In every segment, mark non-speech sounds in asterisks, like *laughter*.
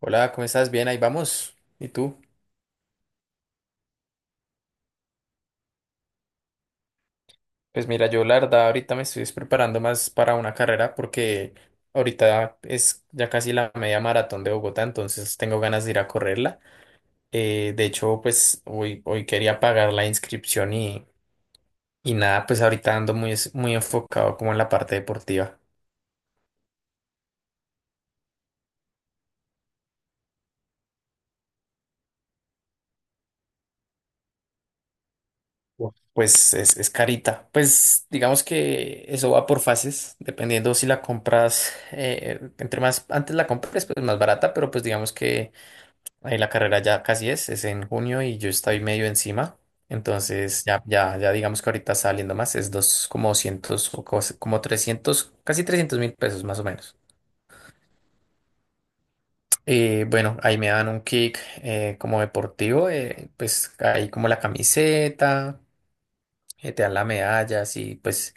Hola, ¿cómo estás? Bien, ahí vamos. ¿Y tú? Pues mira, yo la verdad ahorita me estoy preparando más para una carrera porque ahorita es ya casi la media maratón de Bogotá, entonces tengo ganas de ir a correrla. De hecho, pues hoy quería pagar la inscripción y nada, pues ahorita ando muy enfocado como en la parte deportiva. Uf, pues es carita. Pues digamos que eso va por fases, dependiendo si la compras, entre más antes la compres, pues más barata, pero pues digamos que ahí la carrera ya casi es en junio y yo estoy medio encima. Entonces, ya digamos que ahorita está saliendo más, como 200 o como 300, casi 300 mil pesos más o menos. Bueno, ahí me dan un kick como deportivo, pues ahí como la camiseta, te dan la medalla, sí, pues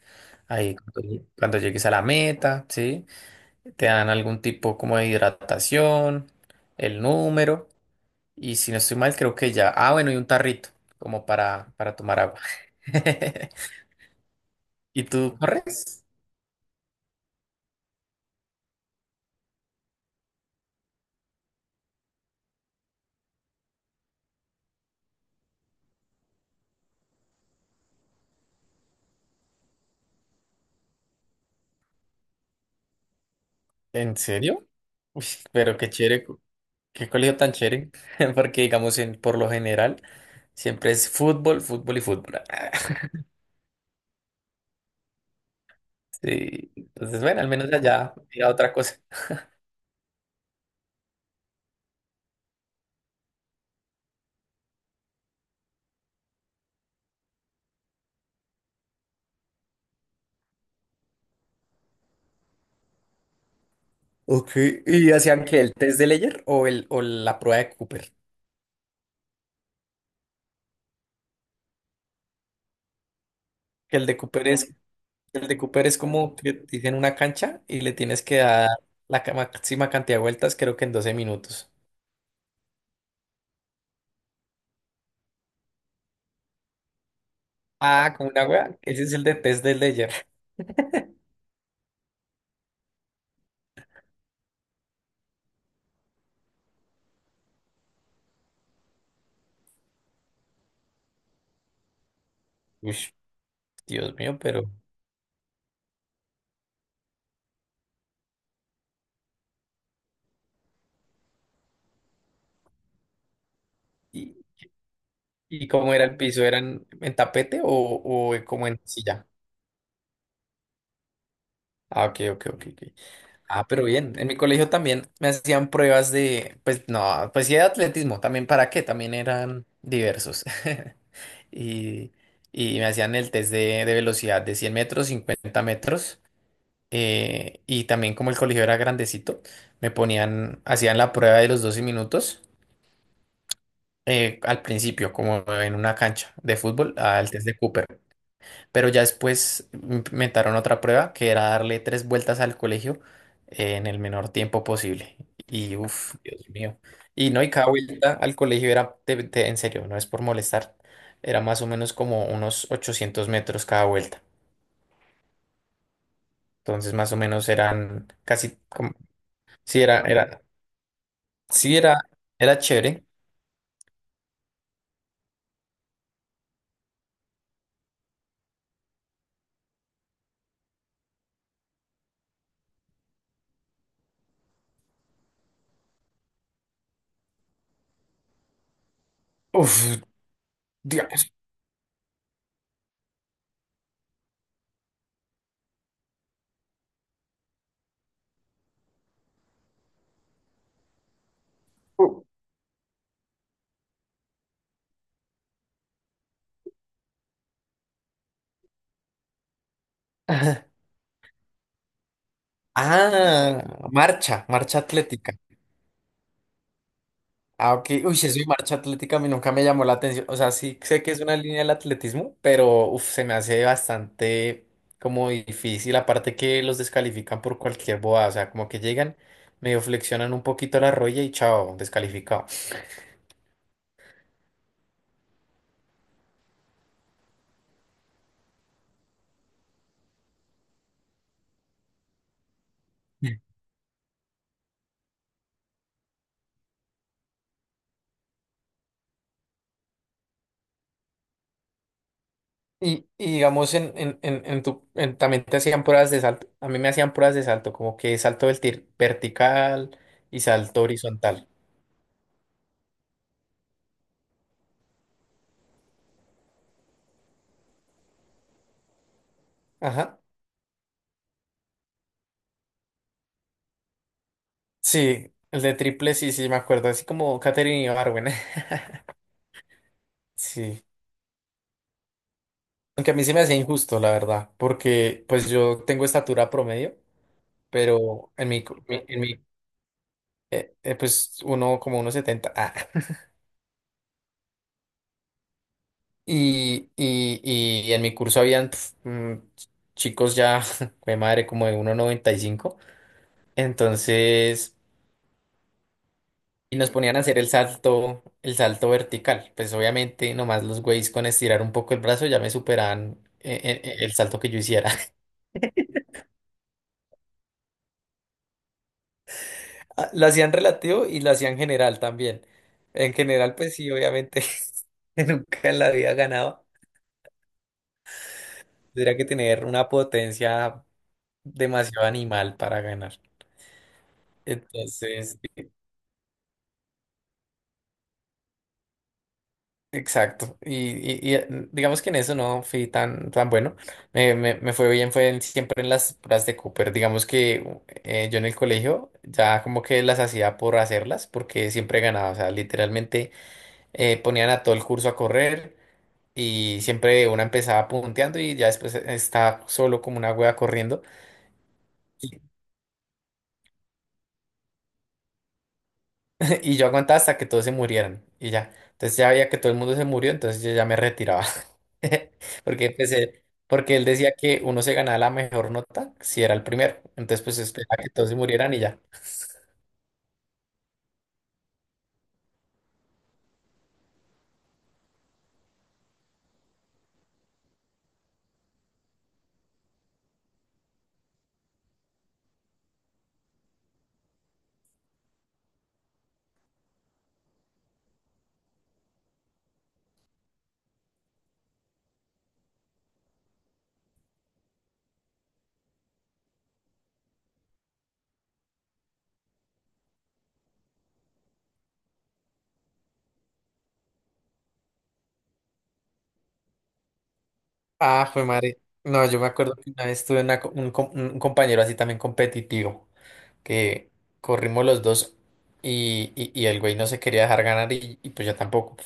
ahí cuando llegues a la meta, ¿sí? Te dan algún tipo como de hidratación, el número. Y si no estoy mal, creo que ya. Ah, bueno, y un tarrito, como para tomar agua. *laughs* ¿Y tú corres? ¿En serio? Uy, pero qué chévere, qué colegio tan chévere. *laughs* Porque, digamos, en, por lo general, siempre es fútbol, fútbol y fútbol. *laughs* Sí. Entonces, bueno, al menos allá era otra cosa. Ok, ¿y hacían que el test de Leyer o la prueba de Cooper? Que el de Cooper es, el de Cooper es como que te dicen una cancha y le tienes que dar la máxima cantidad de vueltas, creo que en 12 minutos. Ah, como una wea. Ese es el de test del Ledger. Uy, Dios mío, pero. ¿Y, y cómo era el piso? ¿Eran en tapete o como en silla? Ah, ok, ok, ok, ok. Ah, pero bien. En mi colegio también me hacían pruebas de. Pues no, pues sí, de atletismo. También, ¿para qué? También eran diversos. *laughs* Y, y me hacían el test de velocidad de 100 metros, 50 metros. Y también, como el colegio era grandecito, me ponían. Hacían la prueba de los 12 minutos. Al principio, como en una cancha de fútbol, al test de Cooper. Pero ya después inventaron otra prueba que era darle tres vueltas al colegio, en el menor tiempo posible. Y uff, Dios mío. Y no, y cada vuelta al colegio era, en serio, no es por molestar, era más o menos como unos 800 metros cada vuelta. Entonces, más o menos eran casi como, sí, era, sí, era chévere. Uf, Dios. *laughs* Ah, marcha atlética. Ah, ok. Uy, si soy marcha atlética, a mí nunca me llamó la atención. O sea, sí sé que es una línea del atletismo, pero uf, se me hace bastante como difícil. Aparte que los descalifican por cualquier bobada. O sea, como que llegan, medio flexionan un poquito la rodilla y chao, descalificado. *laughs* Y digamos, también te hacían pruebas de salto. A mí me hacían pruebas de salto, como que salto vertical y salto horizontal. Ajá. Sí, el de triple, sí, sí, me acuerdo. Así como Katherine Ibargüen. *laughs* Sí. Aunque a mí se me hacía injusto, la verdad, porque pues yo tengo estatura promedio, pero en mi, co- mi- en mi pues uno como 1,70. Ah. *laughs* Y, y, y en mi curso habían chicos ya, *laughs* de madre, como de 1,95. Entonces... Y nos ponían a hacer el salto vertical. Pues obviamente nomás los güeyes con estirar un poco el brazo ya me superaban, el salto que yo hiciera. *laughs* Ah, lo hacían relativo y lo hacían general también. En general, pues sí, obviamente *laughs* nunca en la vida ganaba. Tendría que tener una potencia demasiado animal para ganar. Entonces, exacto, y- y, eh, digamos que en eso no fui tan bueno, me fue bien, siempre en las pruebas de Cooper, digamos que yo en el colegio ya como que las hacía por hacerlas, porque siempre ganaba, o sea, literalmente, ponían a todo el curso a correr y siempre una empezaba punteando y ya después, estaba solo como una wea corriendo. Y yo aguantaba hasta que todos se murieran y ya. Entonces ya veía que todo el mundo se murió, entonces yo ya me retiraba. *laughs* Porque él decía que uno se ganaba la mejor nota si era el primero. Entonces pues esperaba que todos se murieran y ya. Ah, fue madre. No, yo me acuerdo que una vez tuve una co- un, com- un compañero así también competitivo, que corrimos los dos y, y el güey no se quería dejar ganar y pues yo tampoco.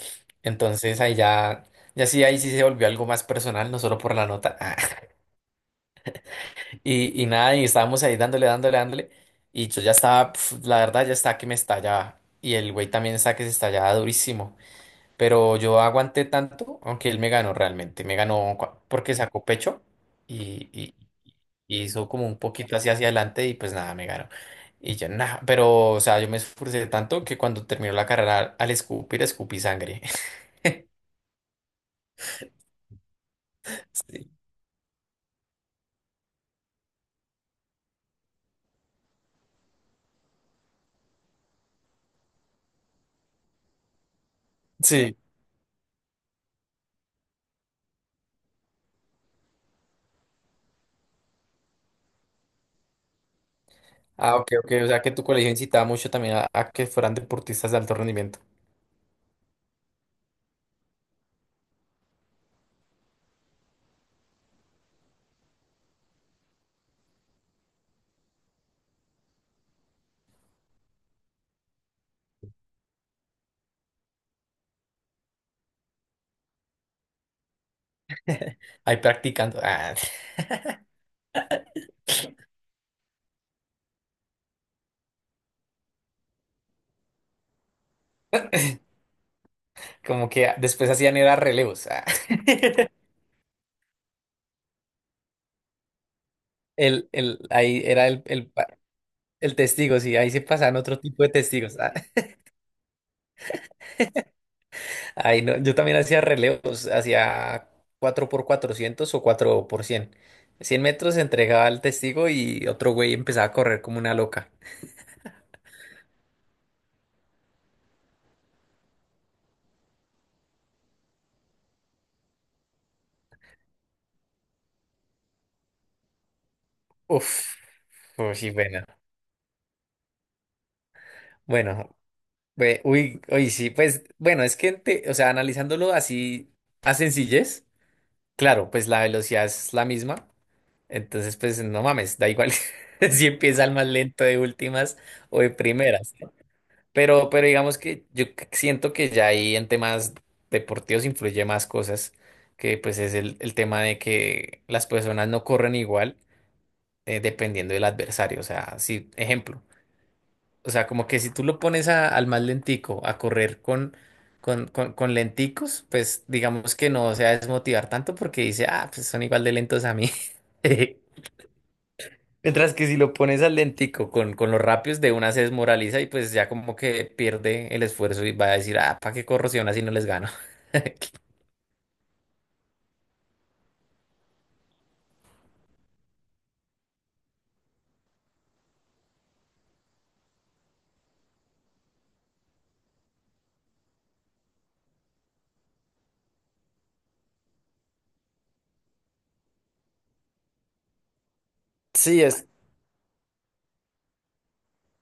Entonces ahí ya sí, ahí sí se volvió algo más personal, no solo por la nota. Y nada, y estábamos ahí dándole, dándole, dándole. Y yo ya estaba, la verdad, ya estaba que me estallaba. Y el güey también estaba que se estallaba durísimo. Pero yo aguanté tanto, aunque él me ganó realmente. Me ganó porque sacó pecho y, y- y hizo como un poquito así hacia adelante y pues nada, me ganó. Y yo nada, pero o sea, yo me esforcé tanto que cuando terminó la carrera al escupir, escupí sangre. *laughs* Sí. Sí. Ah, ok, ok. O sea que tu colegio incitaba mucho también a que fueran deportistas de alto rendimiento. Ahí practicando. Ah, *laughs* como que después hacían era relevos. Ah. *laughs* Ahí era el testigo, sí, ahí se pasaban otro tipo de testigos. Ah. *laughs* Ahí no, yo también hacía relevos, hacía 4x400 o 4 por Cien metros se entregaba al testigo y otro güey empezaba a correr como una loca. Uf, uy, sí, bueno. Bueno, uy, sí, pues, bueno, es que, o sea, analizándolo así a sencillez, claro, pues la velocidad es la misma, entonces, pues no mames, da igual *laughs* si empieza el más lento de últimas o de primeras, ¿no? Pero digamos que yo siento que ya ahí en temas deportivos influye más cosas, que pues es el tema de que las personas no corren igual, dependiendo del adversario. O sea, si, ejemplo, o sea, como que si tú lo pones al más lentico a correr con lenticos, pues digamos que no se va a desmotivar tanto porque dice, ah, pues son igual de lentos a mí. *laughs* Mientras que si lo pones al lentico con los rápidos, de una se desmoraliza y pues ya como que pierde el esfuerzo y va a decir, ah, ¿para qué corro si aún así no les gano? Sí, es,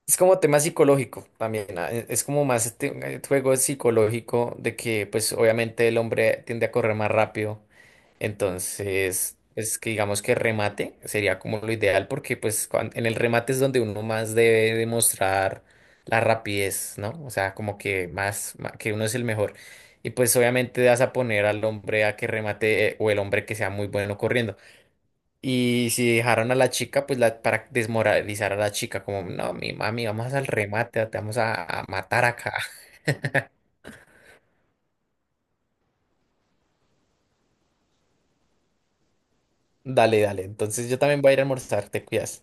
es como tema psicológico también, ah, es como más este, juego psicológico de que pues obviamente el hombre tiende a correr más rápido. Entonces, es que digamos que remate sería como lo ideal porque pues en el remate es donde uno más debe demostrar la rapidez, ¿no? O sea, como que más que uno es el mejor. Y pues obviamente vas a poner al hombre a que remate, o el hombre que sea muy bueno corriendo. Y si dejaron a la chica, pues para desmoralizar a la chica, como, no, mi mami, vamos al remate, te vamos a matar acá. *laughs* Dale, dale. Entonces yo también voy a ir a almorzar, te cuidas.